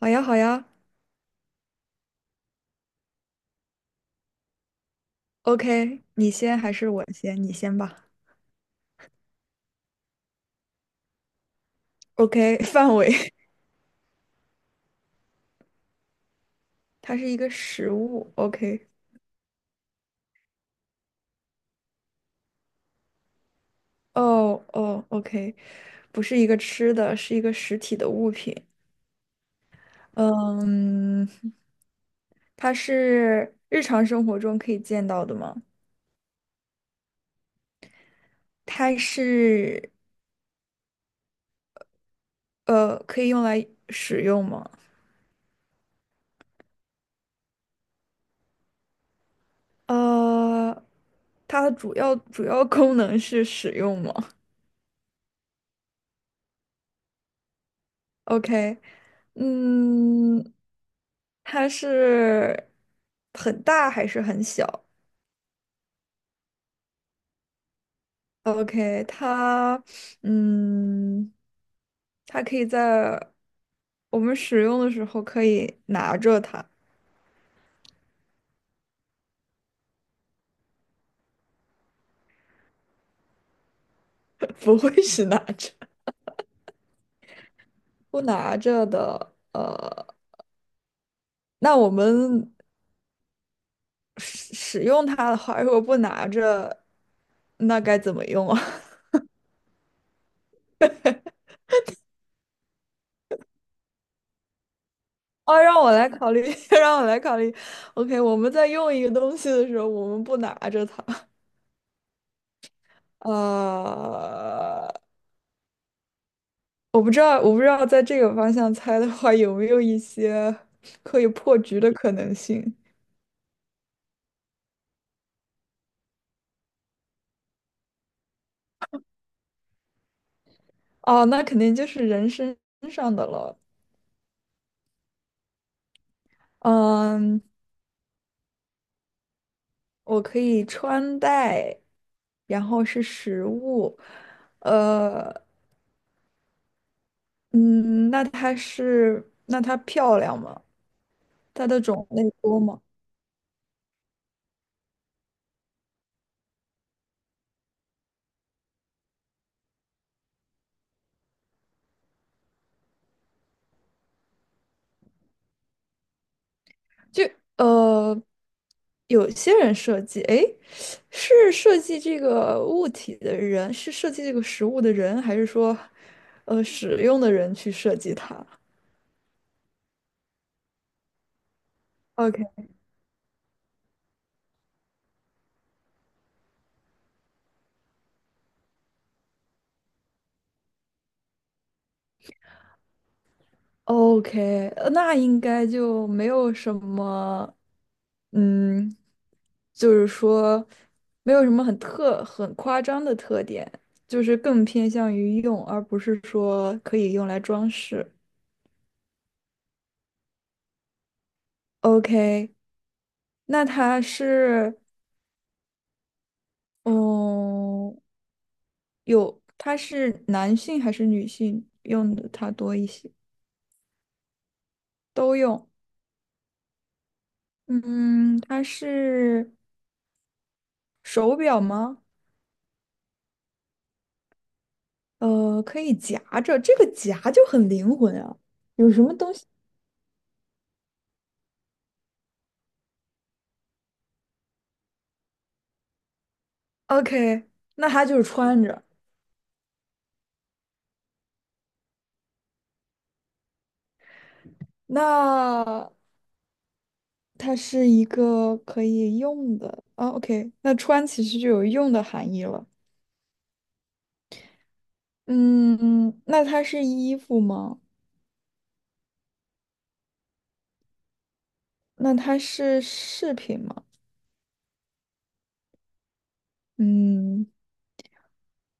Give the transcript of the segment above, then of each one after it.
好呀，好呀，OK，你先还是我先？你先吧。OK，范围，它是一个食物。OK，哦哦，OK，不是一个吃的，是一个实体的物品。嗯，它是日常生活中可以见到的吗？它是可以用来使用吗？呃，它的主要功能是使用吗？OK，嗯，它是很大还是很小？OK，它，嗯，它可以在我们使用的时候可以拿着它，不会是拿着，不拿着的。呃，那我们使用它的话，如果不拿着，那该怎么用啊？哦，让我来考虑，让我来考虑。OK，我们在用一个东西的时候，我们不拿着它。呃，我不知道在这个方向猜的话，有没有一些可以破局的可能性？哦，那肯定就是人身上的了。嗯，我可以穿戴，然后是食物。呃，嗯，那它是，那它漂亮吗？它的种类多吗？就呃，有些人设计，诶，是设计这个物体的人，是设计这个食物的人，还是说，呃，使用的人去设计它 o k o k 那应该就没有什么，嗯，就是说没有什么很特很夸张的特点，就是更偏向于用，而不是说可以用来装饰。OK，那它是，嗯，有，它是男性还是女性用的它多一些？都用。嗯，它是手表吗？呃，可以夹着，这个夹就很灵魂啊。有什么东西？OK，那它就是穿着。那它是一个可以用的啊。哦 OK，那穿其实就有用的含义了。嗯，那它是衣服吗？那它是饰品吗？嗯，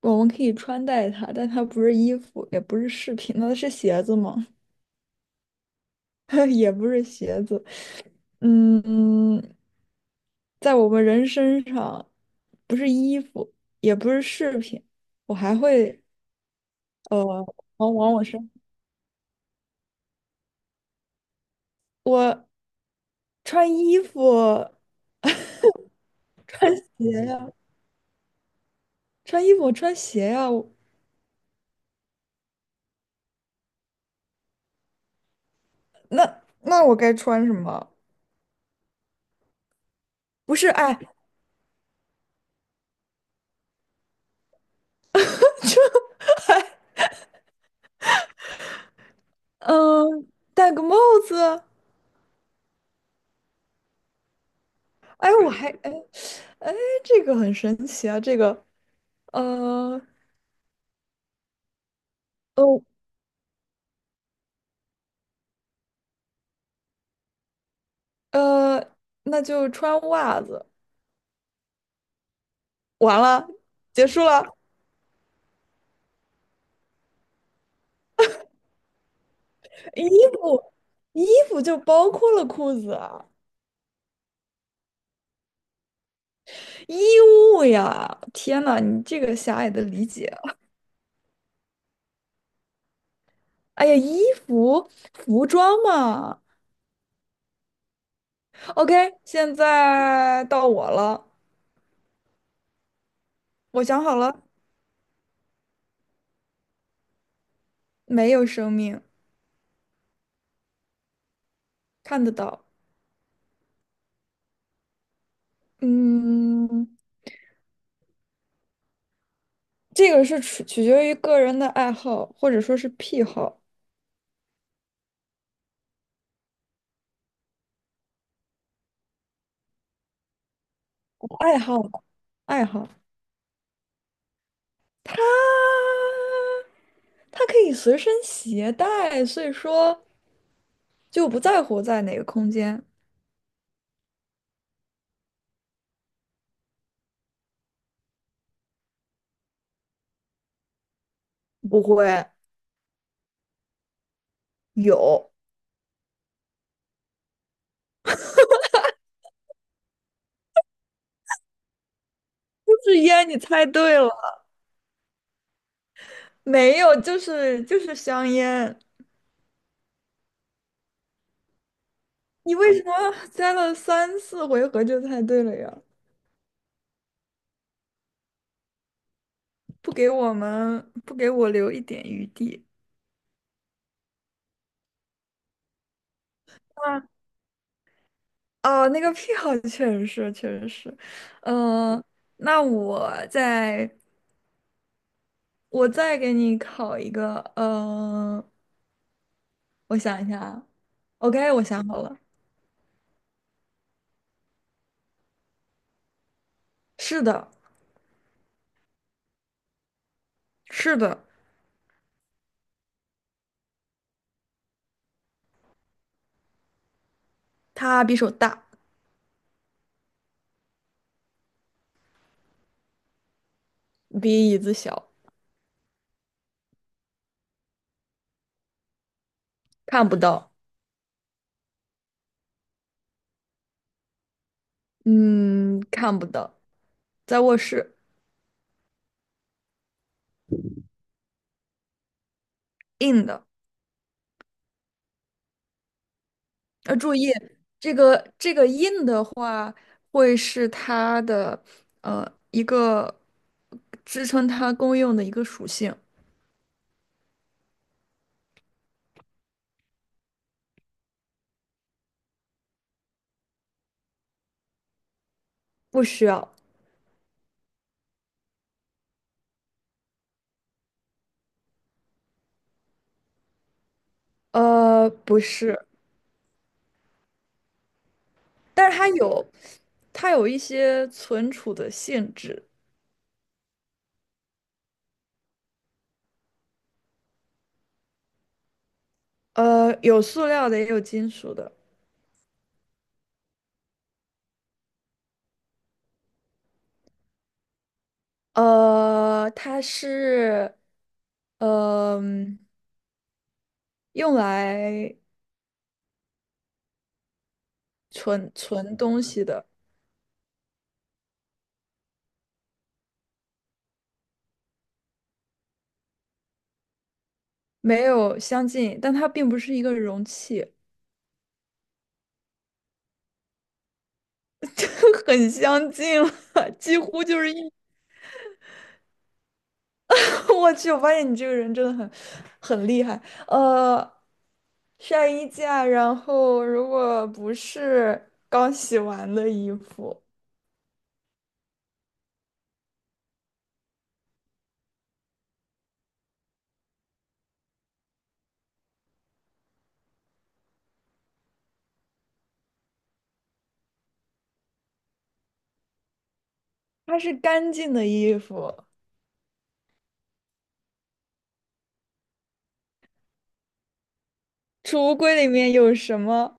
我们可以穿戴它，但它不是衣服，也不是饰品，那是鞋子吗？也不是鞋子。嗯，在我们人身上，不是衣服，也不是饰品，我还会呃，往往我身，我穿衣服，穿鞋呀、穿衣服我穿鞋呀、我那我该穿什么？不是，哎，嗯、戴个帽子。哎，我还哎哎，这个很神奇啊！这个呃哦呃，那就穿袜子，完了，结束了。衣服衣服就包括了裤子啊，衣物呀！天呐，你这个狭隘的理解啊！哎呀，服服装嘛。OK，现在到我了，我想好了，没有生命，看得到。嗯，这个是取决于个人的爱好，或者说是癖好、爱好、爱好。它它可以随身携带，所以说就不在乎在哪个空间。不会有，就是烟，你猜对了，没有，就是香烟。你为什么猜了三四回合就猜对了呀？不给我们，不给我留一点余地。啊。哦，那个癖好确实是，嗯、那我再我再给你考一个，嗯、我想一下啊，OK，我想好了，是的，是的，它比手大，比椅子小，看不到，嗯，看不到，在卧室，硬的，要注意这个硬的话，会是它的呃一个支撑它功用的一个属性，不需要。呃，不是，但是它有，它有一些存储的性质。呃，有塑料的，也有金属的，呃，它是，嗯、用来存东西的，没有相近，但它并不是一个容器，这很相近了，几乎就是一，我去，我发现你这个人真的很厉害，呃。晒衣架，然后如果不是刚洗完的衣服，它是干净的衣服。储物柜里面有什么？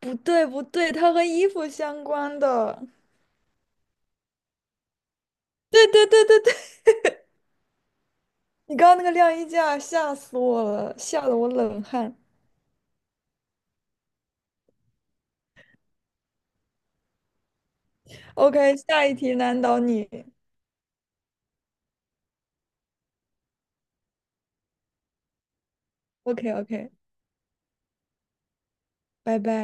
不对，它和衣服相关的。对对对对对，你刚刚那个晾衣架吓死我了，吓得我冷汗。OK，下一题难倒你。OK OK，拜拜。